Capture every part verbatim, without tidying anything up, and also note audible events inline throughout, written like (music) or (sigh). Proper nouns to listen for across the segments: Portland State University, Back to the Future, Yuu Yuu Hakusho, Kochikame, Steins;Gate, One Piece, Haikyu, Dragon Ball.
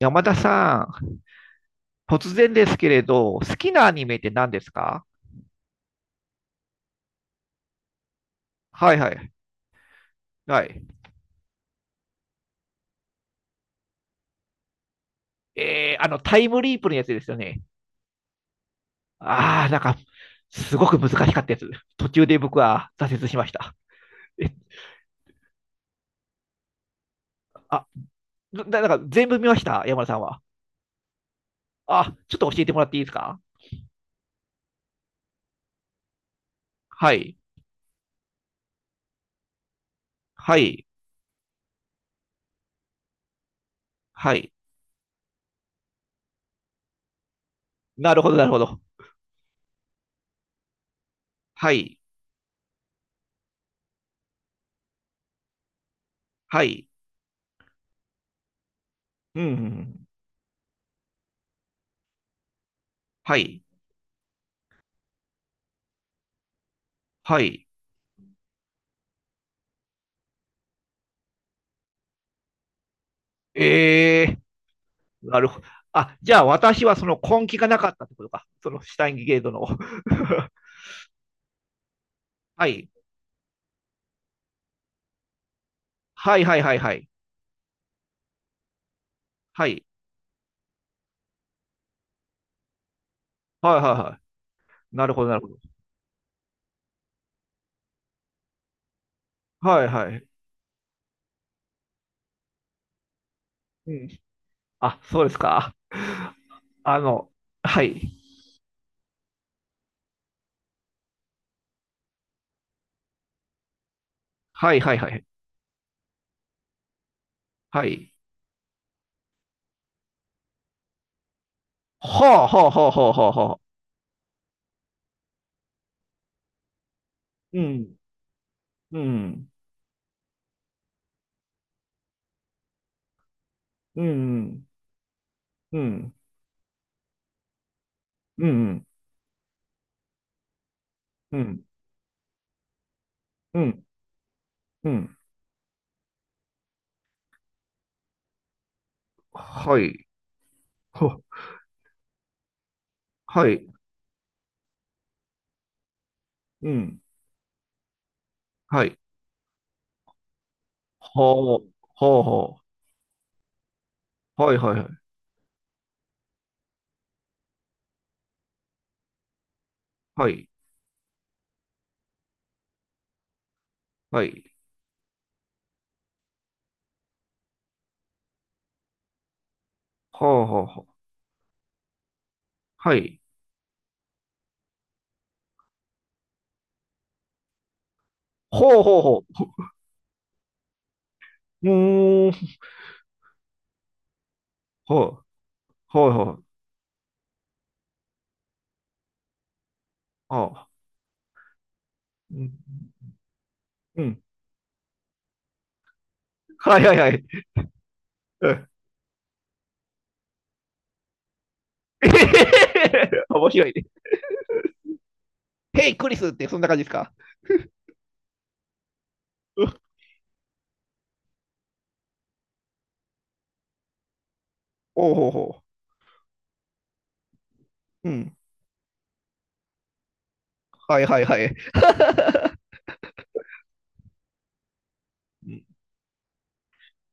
山田さん、突然ですけれど、好きなアニメって何ですか？はいはい。はい。えー、あの、タイムリープのやつですよね。ああ、なんか、すごく難しかったやつ。途中で僕は挫折しました。え、あ、な、なんか全部見ました、山田さんは？あ、ちょっと教えてもらっていいですか？はい。はい。はい。なるほど、なるほど。はい。はい。うん。はい。はい。えー、なるほど。あ、じゃあ私はその根気がなかったってことか。そのシュタインゲートの。(laughs) はい。はいはいはいはい。はい。はいはいはい。なるほどなるほど。はいはい。うん。あ、そうですか。あの、はい。はいはいはい。はい。はあはあはあはあはあはあ。うん。うん。うん。うん。うん。うん。うん。うん。はい。ほはい。うん。はい。はあ。はあはあ。はいはいはい。はい。はい。はあ、はあ、はあ。はい。ほうほうほう。うーん。ほうほうほう、ああ。うん。うんはいはいはい。うん。 (laughs) 面白いね。ヘイクリスってそんな感じですか？うんほうほうほう。うん。はいはいはい。うん。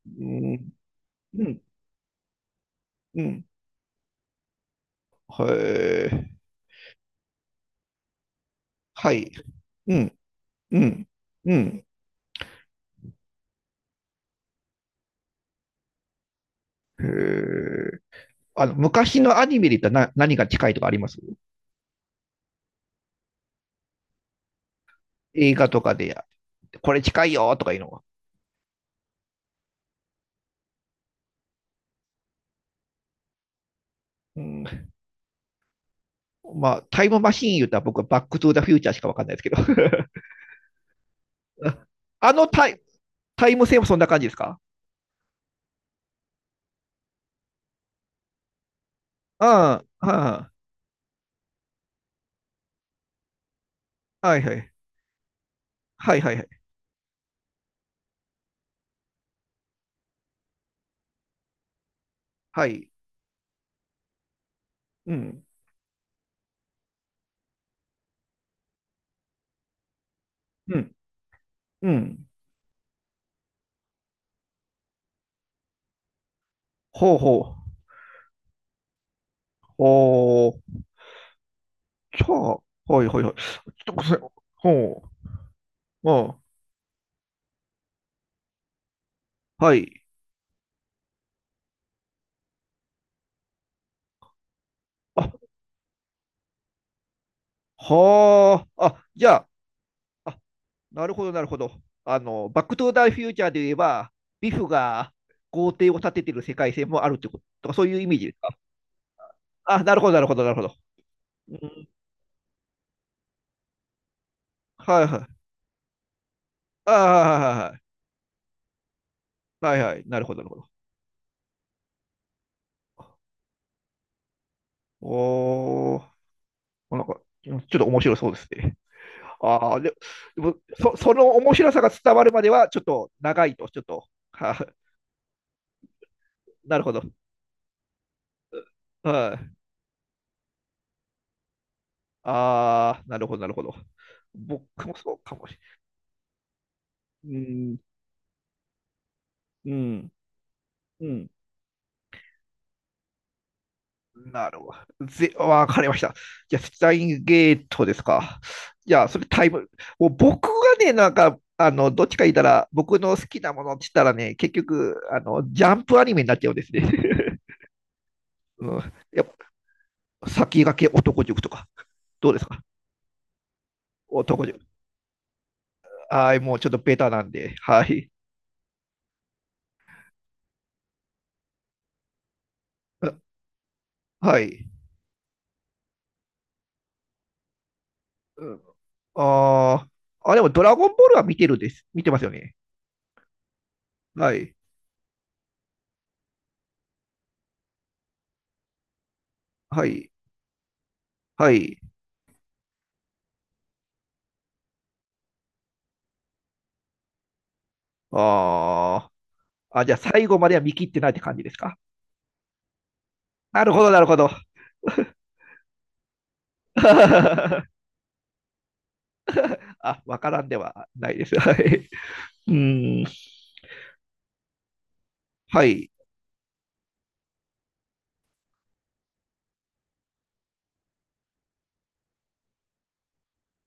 うん。うん。へえ。はい。うん。うん。うん。へえ。あの、昔のアニメで言ったらな何が近いとかあります？映画とかで、これ近いよとかいうのは。うん、まあ、タイムマシーン言うたら僕はバックトゥーザフューチャーしかわかんないですけど。(laughs) あのタイタイム線もそんな感じですか？うん、はあ、はいはい。はいはいはい。はい。うん、うん、うん。ほうほう。ほう。じゃあ、はいはいはい。ちょっとごめんなさい。ほう。うん。はい。あ、はあ。あ、じゃあ、あ、なるほどなるほど。あの、バックトゥーザフューチャーで言えば、ビフが豪邸を建ててる世界線もあるってこととか、そういうイメージ？あ、なるほど、なるほど、なるほど。うんはいはい。ああ、はいはいはい。はいはい。なるほど、なるほど。おー、なんか、ちょっと面白そうですね。ああ、で、でもそ、その面白さが伝わるまでは、ちょっと長いと、ちょっと、はあ、なるほど。はい。ああ、なるほど、なるほど。僕もそうかもしれない。うん、うん、うん。なるほど。ぜ、わかりました。じゃあ、スタインゲートですか。じゃあ、それタイム、もう僕がね、なんか、あの、どっちか言ったら、僕の好きなものって言ったらね、結局、あの、ジャンプアニメになっちゃうんですね。(laughs) うん、やっぱ、先駆け男塾とか、どうですか？男塾。はい、もうちょっとベタなんで、はい。あはい。うんあー、あ、でも、ドラゴンボールは見てるです。見てますよね。はい。はい。はい。ああ。あ、じゃあ最後までは見切ってないって感じですか。なるほど、なるほど。(laughs) あ、わからんではないです。(laughs) はい。うん。はい。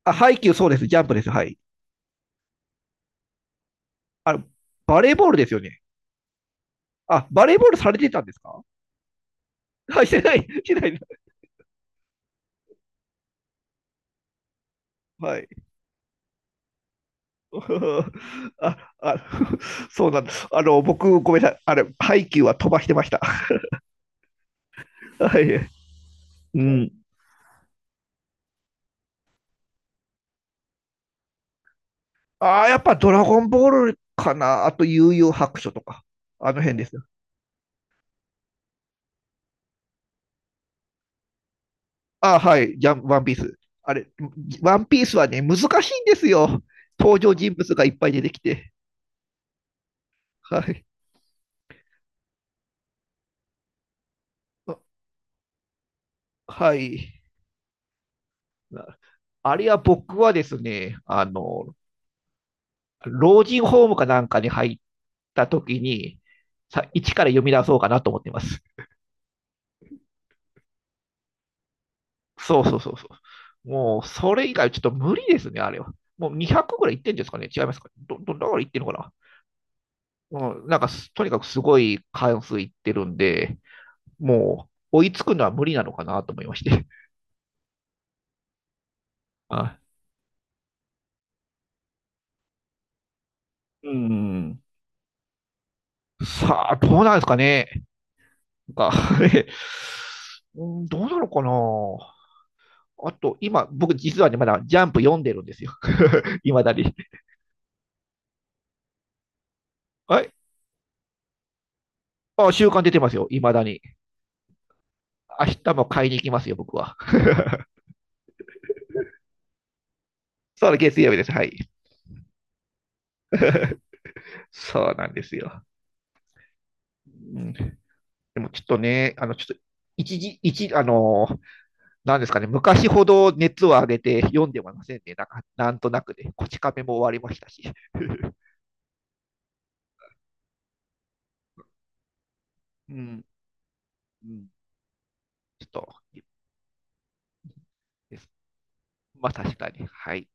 あ、ハイキューそうです。ジャンプです。はい。あの、バレーボールですよね。あ、バレーボールされてたんですか？ (laughs) はい、してない、してない。はい。(laughs) あ、あ、(laughs) そうなんだ。あの、僕、ごめんなさい。あれ、ハイキューは飛ばしてました。(laughs) はい。うん。ああ、やっぱドラゴンボールかな。あと、悠々白書とか。あの辺ですね。あ、はい、じゃん、ワンピース。あれ、ワンピースはね、難しいんですよ。登場人物がいっぱい出てきて。はい。あはい。あれは僕はですね、あの、老人ホームかなんかに入った時に、さ、一から読み出そうかなと思ってます。そうそうそうそう。もう、それ以外ちょっと無理ですね、あれは。もうにひゃくぐらいいってんですかね、違いますかど、ど、だからいってんのかな。うん、なんかす、とにかくすごい関数いってるんで、もう追いつくのは無理なのかなと思いまして。(laughs) あうんさあ、どうなんですかね。なんか (laughs) うん、どうなのかな。あと、今、僕実はね、まだジャンプ読んでるんですよ。(laughs) いまだに。はい。あ、週刊出てますよ。いまだに。明日も買いに行きますよ、僕は。(laughs) そうだ、月曜日です。はい。(laughs) そうなんですよ。うん、でもちょっとね、あの、ちょっと、一時、一、あの、なんですかね、昔ほど熱を上げて読んではませんね。なんかなんとなくでね、こち亀も終わりましたし、(laughs) ちょうん。(laughs) ちょっと、ですまあ確かに、はい。